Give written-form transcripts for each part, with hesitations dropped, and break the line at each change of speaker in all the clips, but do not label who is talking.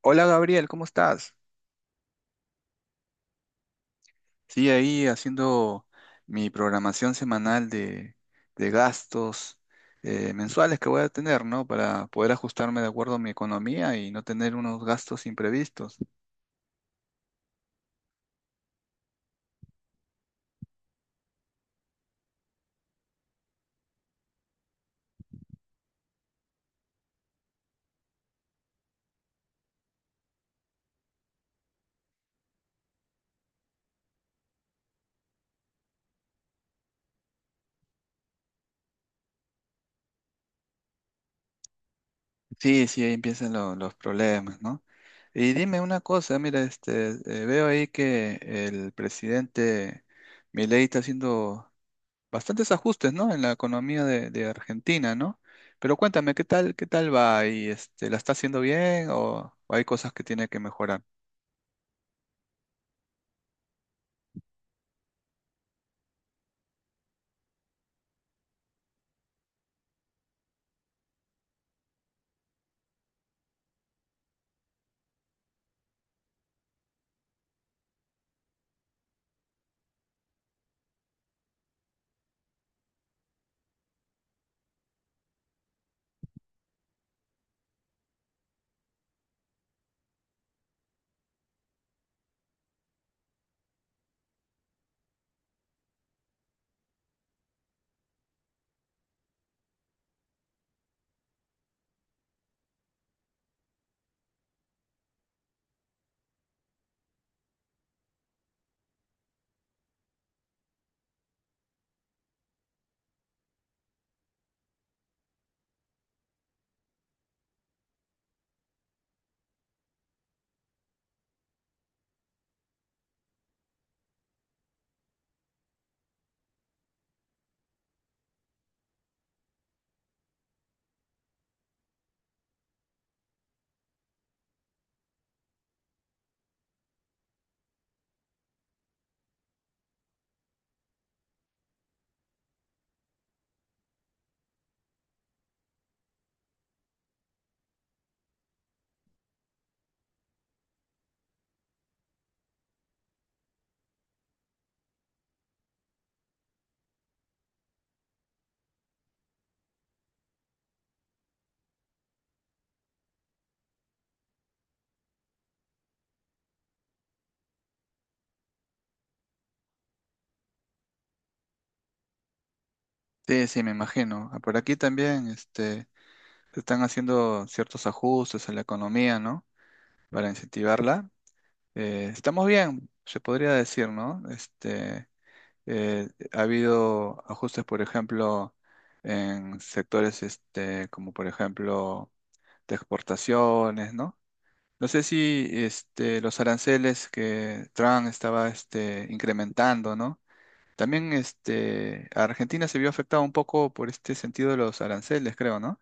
Hola Gabriel, ¿cómo estás? Sí, ahí haciendo mi programación semanal de gastos mensuales que voy a tener, ¿no? Para poder ajustarme de acuerdo a mi economía y no tener unos gastos imprevistos. Sí, sí, ahí empiezan los problemas, ¿no? Y dime una cosa, mira, veo ahí que el presidente Milei está haciendo bastantes ajustes, ¿no? En la economía de Argentina, ¿no? Pero cuéntame, ¿qué tal va? ¿Y la está haciendo bien o hay cosas que tiene que mejorar? Sí, sí, me imagino. Ah, por aquí también, se están haciendo ciertos ajustes en la economía, ¿no? Para incentivarla. Estamos bien, se podría decir, ¿no? Ha habido ajustes, por ejemplo, en sectores, como por ejemplo de exportaciones, ¿no? No sé si los aranceles que Trump estaba incrementando, ¿no? También Argentina se vio afectada un poco por este sentido de los aranceles, creo, ¿no?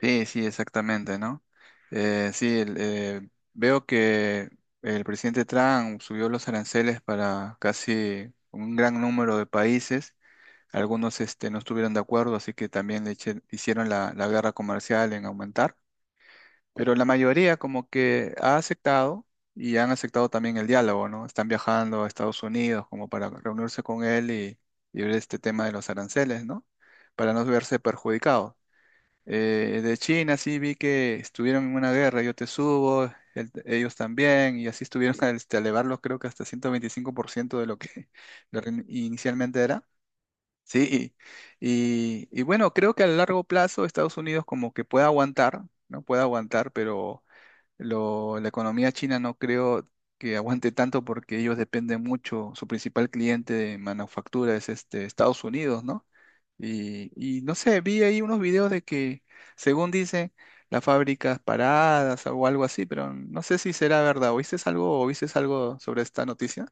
Sí, sí, exactamente, ¿no? Sí, veo que el presidente Trump subió los aranceles para casi un gran número de países. Algunos no estuvieron de acuerdo, así que también hicieron la guerra comercial en aumentar. Pero la mayoría como que ha aceptado y han aceptado también el diálogo, ¿no? Están viajando a Estados Unidos como para reunirse con él y ver este tema de los aranceles, ¿no? Para no verse perjudicados. De China sí vi que estuvieron en una guerra, yo te subo, ellos también, y así estuvieron a elevarlos creo que hasta 125% de lo que lo que inicialmente era. Sí, y bueno, creo que a largo plazo Estados Unidos como que puede aguantar, ¿no? Puede aguantar, pero la economía china no creo que aguante tanto porque ellos dependen mucho, su principal cliente de manufactura es Estados Unidos, ¿no? Y no sé, vi ahí unos videos de que, según dicen, las fábricas paradas o algo así, pero no sé si será verdad. ¿Oíste algo o viste algo sobre esta noticia?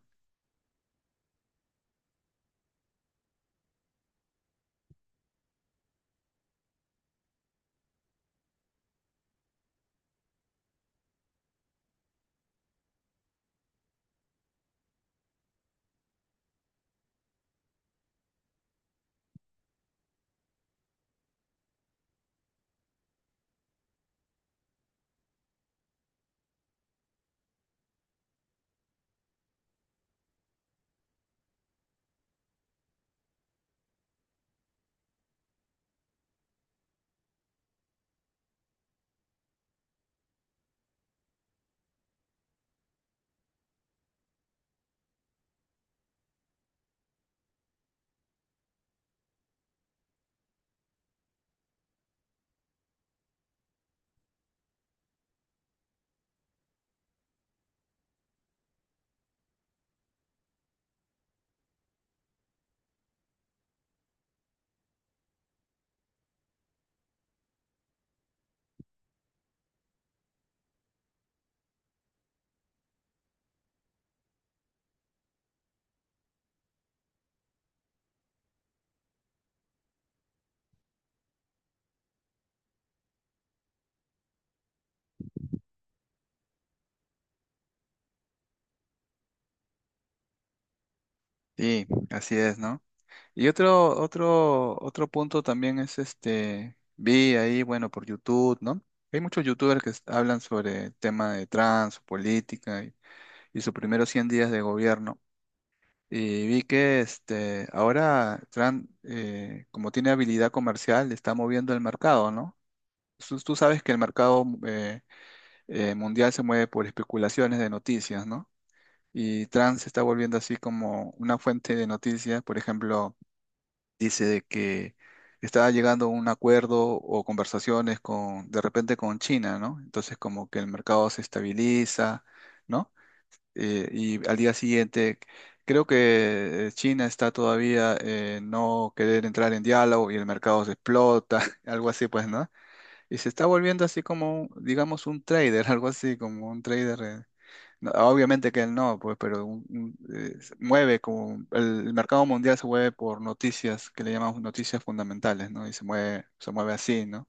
Sí, así es, ¿no? Y otro punto también es vi ahí, bueno, por YouTube, ¿no? Hay muchos youtubers que hablan sobre el tema de política y sus primeros 100 días de gobierno. Y vi que ahora Trump, como tiene habilidad comercial, está moviendo el mercado, ¿no? Tú sabes que el mercado mundial se mueve por especulaciones de noticias, ¿no? Y Trump se está volviendo así como una fuente de noticias, por ejemplo dice de que estaba llegando a un acuerdo o conversaciones con, de repente con China, ¿no? Entonces como que el mercado se estabiliza, ¿no? Y al día siguiente, creo que China está todavía no querer entrar en diálogo y el mercado se explota, algo así pues, ¿no? Y se está volviendo así como, digamos, un trader, algo así como un trader. No, obviamente que él no, pues, pero se mueve como el mercado mundial se mueve por noticias que le llamamos noticias fundamentales, ¿no? Y se mueve así, ¿no?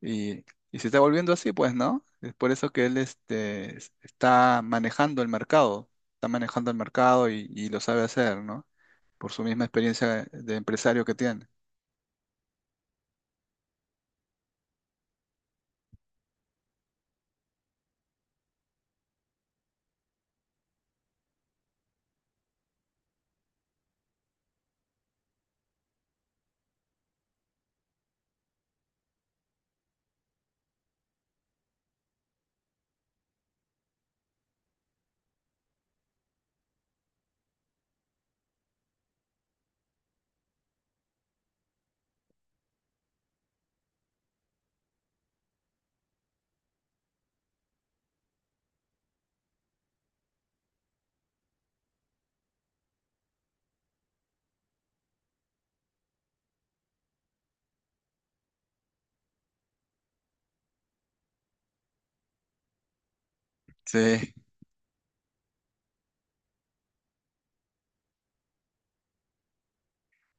Y, y se está volviendo así, pues, ¿no? Es por eso que él está manejando el mercado, está manejando el mercado y lo sabe hacer, ¿no? Por su misma experiencia de empresario que tiene. Sí,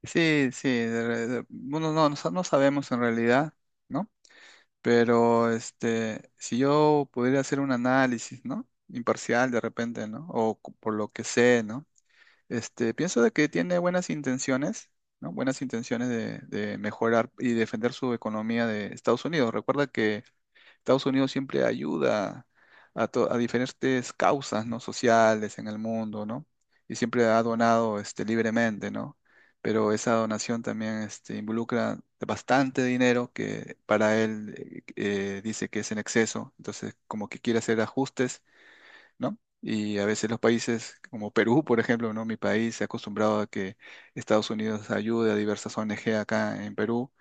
sí, sí. Bueno, no, no, no sabemos en realidad, ¿no? Pero si yo pudiera hacer un análisis, ¿no? Imparcial de repente, ¿no? O por lo que sé, ¿no? Pienso de que tiene buenas intenciones, ¿no? Buenas intenciones de mejorar y defender su economía de Estados Unidos. Recuerda que Estados Unidos siempre ayuda a diferentes causas, ¿no? sociales en el mundo, ¿no? Y siempre ha donado libremente, ¿no? Pero esa donación también involucra bastante dinero que para él dice que es en exceso, entonces como que quiere hacer ajustes, ¿no? Y a veces los países como Perú, por ejemplo, ¿no? Mi país se ha acostumbrado a que Estados Unidos ayude a diversas ONG acá en Perú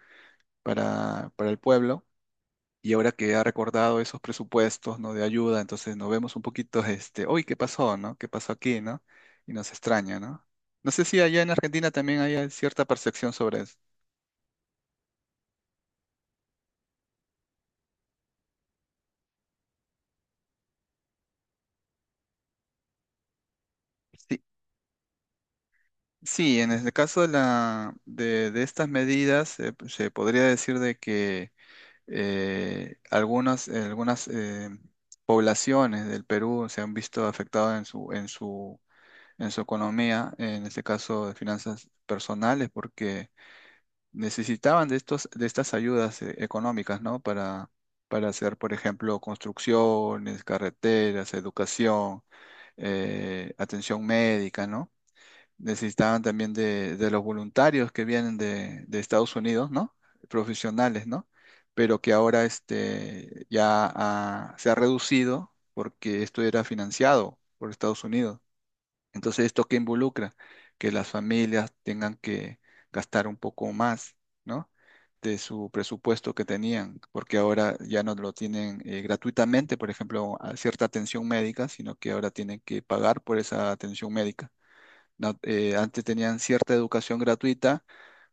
para el pueblo y ahora que ha recordado esos presupuestos, ¿no? De ayuda, entonces nos vemos un poquito, uy, ¿qué pasó, no? ¿Qué pasó aquí, no? Y nos extraña, ¿no? No sé si allá en Argentina también hay cierta percepción sobre eso. Sí, sí, en el caso de estas medidas, se podría decir de que algunas poblaciones del Perú se han visto afectadas en su, en su economía, en este caso de finanzas personales, porque necesitaban de estas ayudas económicas, ¿no? Para hacer, por ejemplo, construcciones, carreteras, educación, atención médica, ¿no? Necesitaban también de los voluntarios que vienen de Estados Unidos, ¿no? Profesionales, ¿no? Pero que ahora ya se ha reducido porque esto era financiado por Estados Unidos. Entonces, ¿esto qué involucra? Que las familias tengan que gastar un poco más, ¿no? De su presupuesto que tenían, porque ahora ya no lo tienen gratuitamente, por ejemplo, a cierta atención médica, sino que ahora tienen que pagar por esa atención médica. Antes tenían cierta educación gratuita,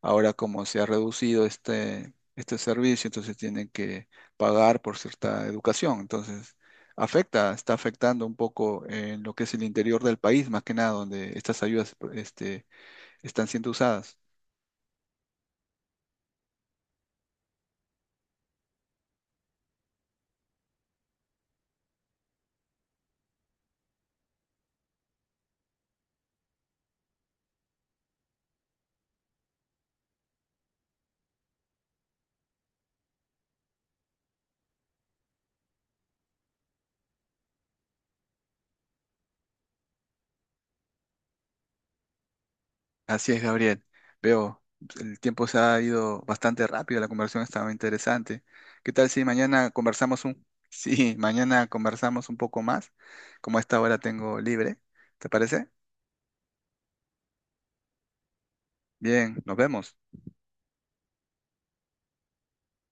ahora como se ha reducido este servicio, entonces tienen que pagar por cierta educación. Entonces, afecta, está afectando un poco en lo que es el interior del país, más que nada, donde estas ayudas están siendo usadas. Así es, Gabriel. Veo, el tiempo se ha ido bastante rápido, la conversación estaba interesante. ¿Qué tal si mañana conversamos? Sí, mañana conversamos un poco más, como a esta hora tengo libre, ¿te parece? Bien, nos vemos.